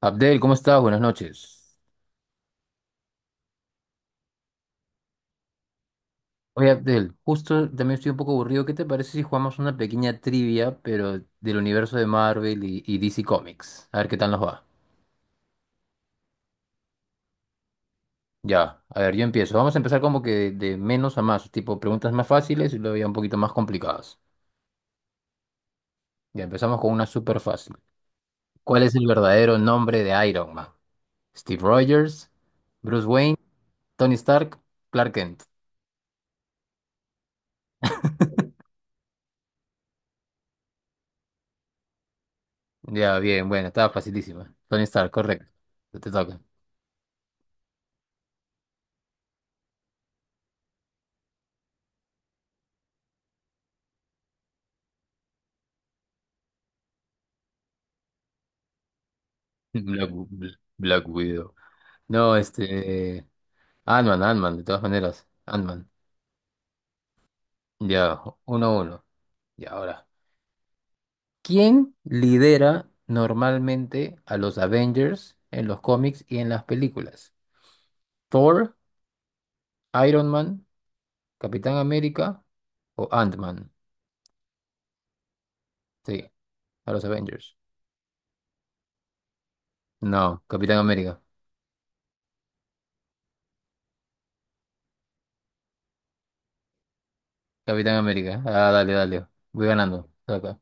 Abdel, ¿cómo estás? Buenas noches. Oye, Abdel, justo también estoy un poco aburrido. ¿Qué te parece si jugamos una pequeña trivia, pero del universo de Marvel y DC Comics? A ver qué tal nos va. Ya, a ver, yo empiezo. Vamos a empezar como que de menos a más, tipo preguntas más fáciles y luego ya un poquito más complicadas. Ya empezamos con una súper fácil. ¿Cuál es el verdadero nombre de Iron Man? ¿Steve Rogers? ¿Bruce Wayne? ¿Tony Stark? ¿Clark Kent? Ya, bien, bueno, estaba facilísima. Tony Stark, correcto. Te toca. Black, Black Widow. No, este. Ant-Man, Ant-Man, de todas maneras. Ant-Man. Ya, uno a uno. Y ahora. ¿Quién lidera normalmente a los Avengers en los cómics y en las películas? ¿Thor, Iron Man, Capitán América o Ant-Man? Sí, a los Avengers. No, Capitán América. Capitán América. Ah, dale, dale. Voy ganando. Acá.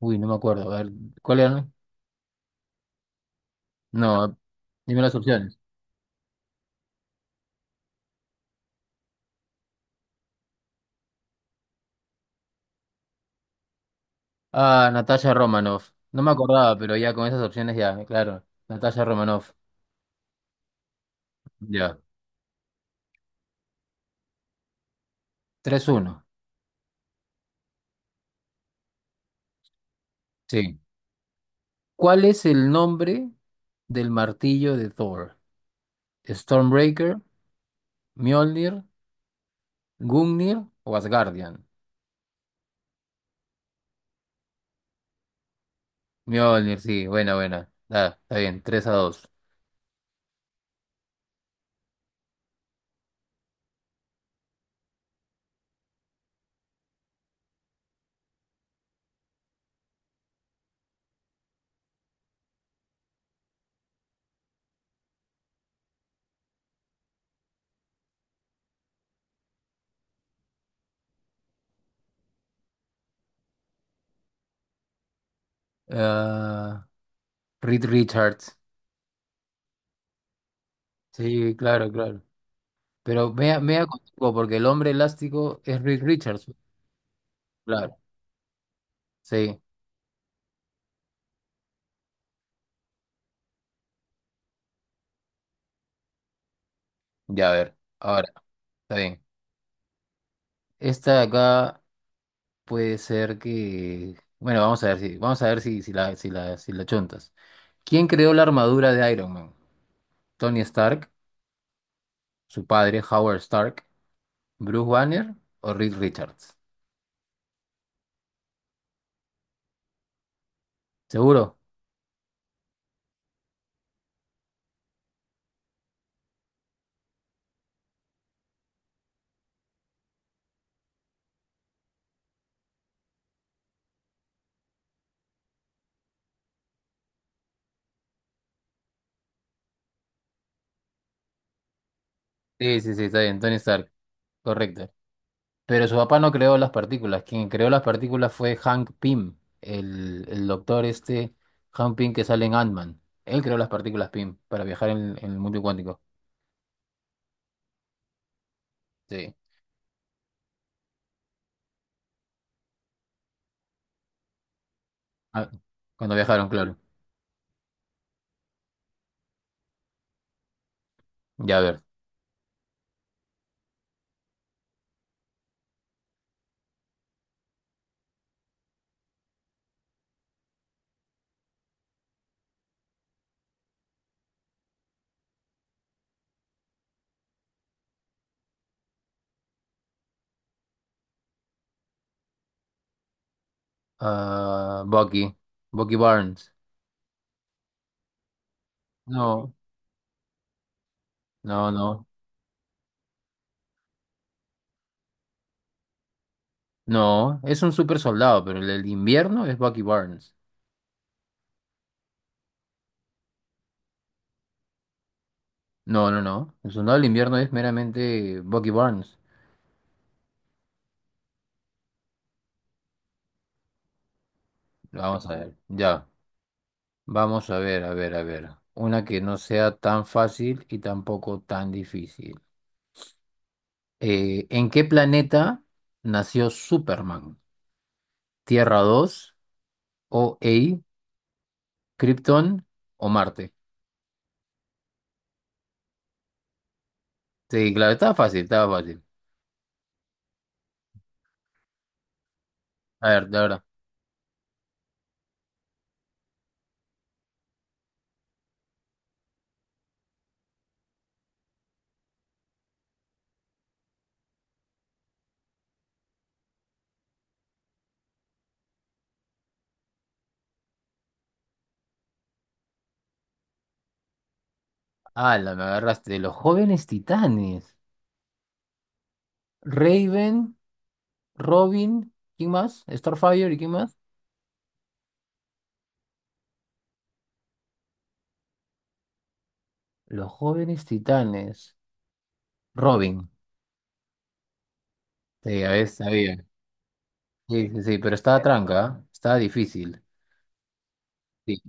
Uy, no me acuerdo. A ver, ¿cuál era? No, dime las opciones. Ah, Natasha Romanoff. No me acordaba, pero ya con esas opciones ya, claro. Natasha Romanoff. Ya. Tres uno. Sí. ¿Cuál es el nombre del martillo de Thor? ¿Stormbreaker, Mjolnir, Gungnir o Asgardian? Mjolnir, sí, buena, buena. Ah, está bien. Tres a 2. Ah, Reed Richards. Sí, claro, claro. Pero me contigo, porque el hombre elástico es Reed Richards. Claro, sí. Ya, a ver. Ahora, está bien. Esta de acá. Puede ser que. Bueno, vamos a ver si, si la chuntas. ¿Quién creó la armadura de Iron Man? ¿Tony Stark, su padre, Howard Stark, Bruce Banner o Reed Richards? ¿Seguro? Sí, sí, sí, está bien, Tony Stark, correcto. Pero su papá no creó las partículas. Quien creó las partículas fue Hank Pym, el doctor este, Hank Pym que sale en Ant-Man. Él creó las partículas Pym para viajar en el mundo cuántico. Sí. Ah, cuando viajaron, claro. Ya a ver. Ah, Bucky. Bucky Barnes. No, no, no. No, es un super soldado, pero el del invierno es Bucky Barnes. No, no, no. El soldado del invierno es meramente Bucky Barnes. Vamos a ver. Ya. Vamos a ver, a ver, a ver. Una que no sea tan fácil y tampoco tan difícil. ¿En qué planeta nació Superman? ¿Tierra dos o OA, Krypton o Marte? Sí, claro, estaba fácil, estaba fácil. A ver, ahora. La me agarraste. Los jóvenes titanes. Raven, Robin, ¿quién más? Starfire y ¿quién más? Los jóvenes titanes. Robin. Sí, a veces sabía. Sí, sí, sí, pero estaba tranca, ¿ah? Estaba difícil. Sí.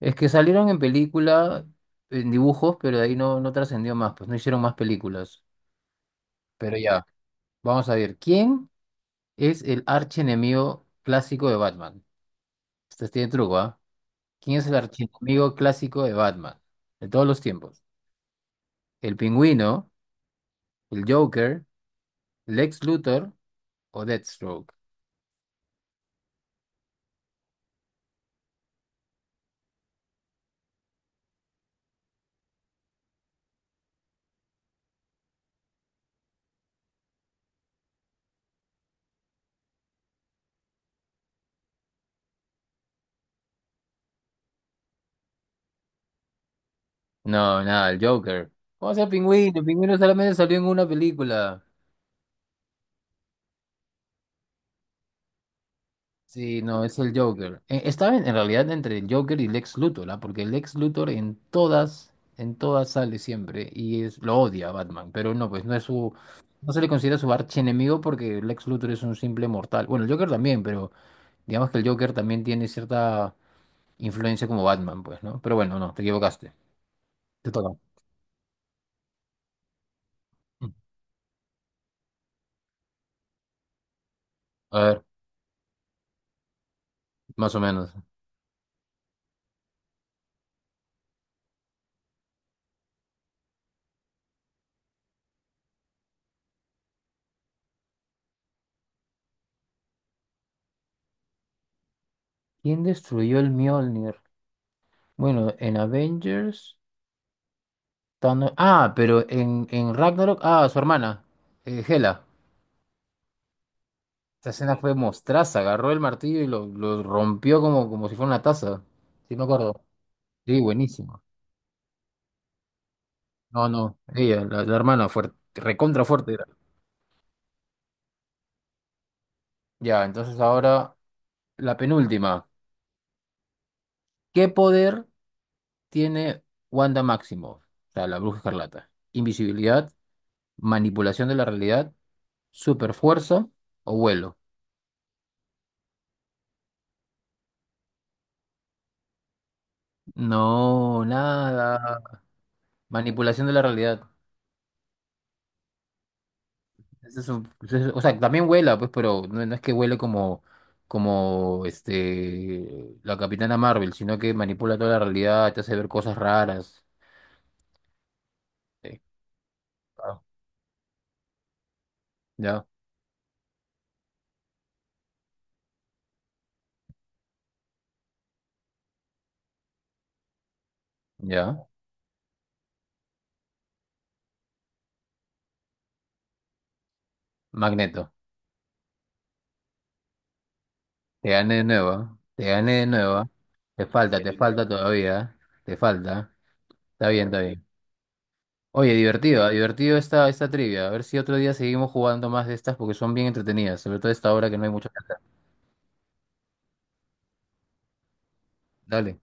Es que salieron en película, en dibujos, pero de ahí no, no trascendió más, pues no hicieron más películas. Pero ya, vamos a ver. ¿Quién es el archienemigo clásico de Batman? Este tiene truco, ¿ah? ¿Quién es el archienemigo clásico de Batman? De todos los tiempos. El pingüino, el Joker, Lex Luthor o Deathstroke. No, nada, el Joker. ¿Cómo sea pingüino? El pingüino solamente salió en una película. Sí, no, es el Joker. Estaba en, realidad entre el Joker y Lex Luthor, ¿ah? Porque Lex Luthor en todas sale siempre y es, lo odia a Batman, pero no, pues no es su, no se le considera su archienemigo porque Lex Luthor es un simple mortal. Bueno, el Joker también, pero digamos que el Joker también tiene cierta influencia como Batman, pues, ¿no? Pero bueno, no, te equivocaste. Te toca. Mm. A ver, más o menos. ¿Quién destruyó el Mjolnir? Bueno, en Avengers. Ah, pero en Ragnarok. Ah, su hermana, Hela. Esa escena fue mostraza. Agarró el martillo y lo rompió como si fuera una taza. Sí, me acuerdo. Sí, buenísimo. No, no. Ella, la hermana, fuerte. Recontra fuerte era. Ya, entonces ahora la penúltima. ¿Qué poder tiene Wanda Maximoff? O sea, la Bruja Escarlata. Invisibilidad, manipulación de la realidad, super fuerza o vuelo. No, nada. Manipulación de la realidad. Ese es un- ese es- O sea, también vuela, pues, pero no, no es que vuele como este, la Capitana Marvel, sino que manipula toda la realidad, te hace ver cosas raras. Sí. Ah, ya, ya. Magneto. Te gané de nuevo. Te gané de nuevo. Te falta todavía. Te falta. Está bien, está bien. Oye, divertido, ah, divertido esta trivia. A ver si otro día seguimos jugando más de estas porque son bien entretenidas, sobre todo esta hora que no hay mucho que hacer. Dale,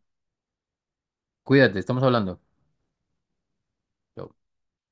cuídate, estamos hablando. Chau.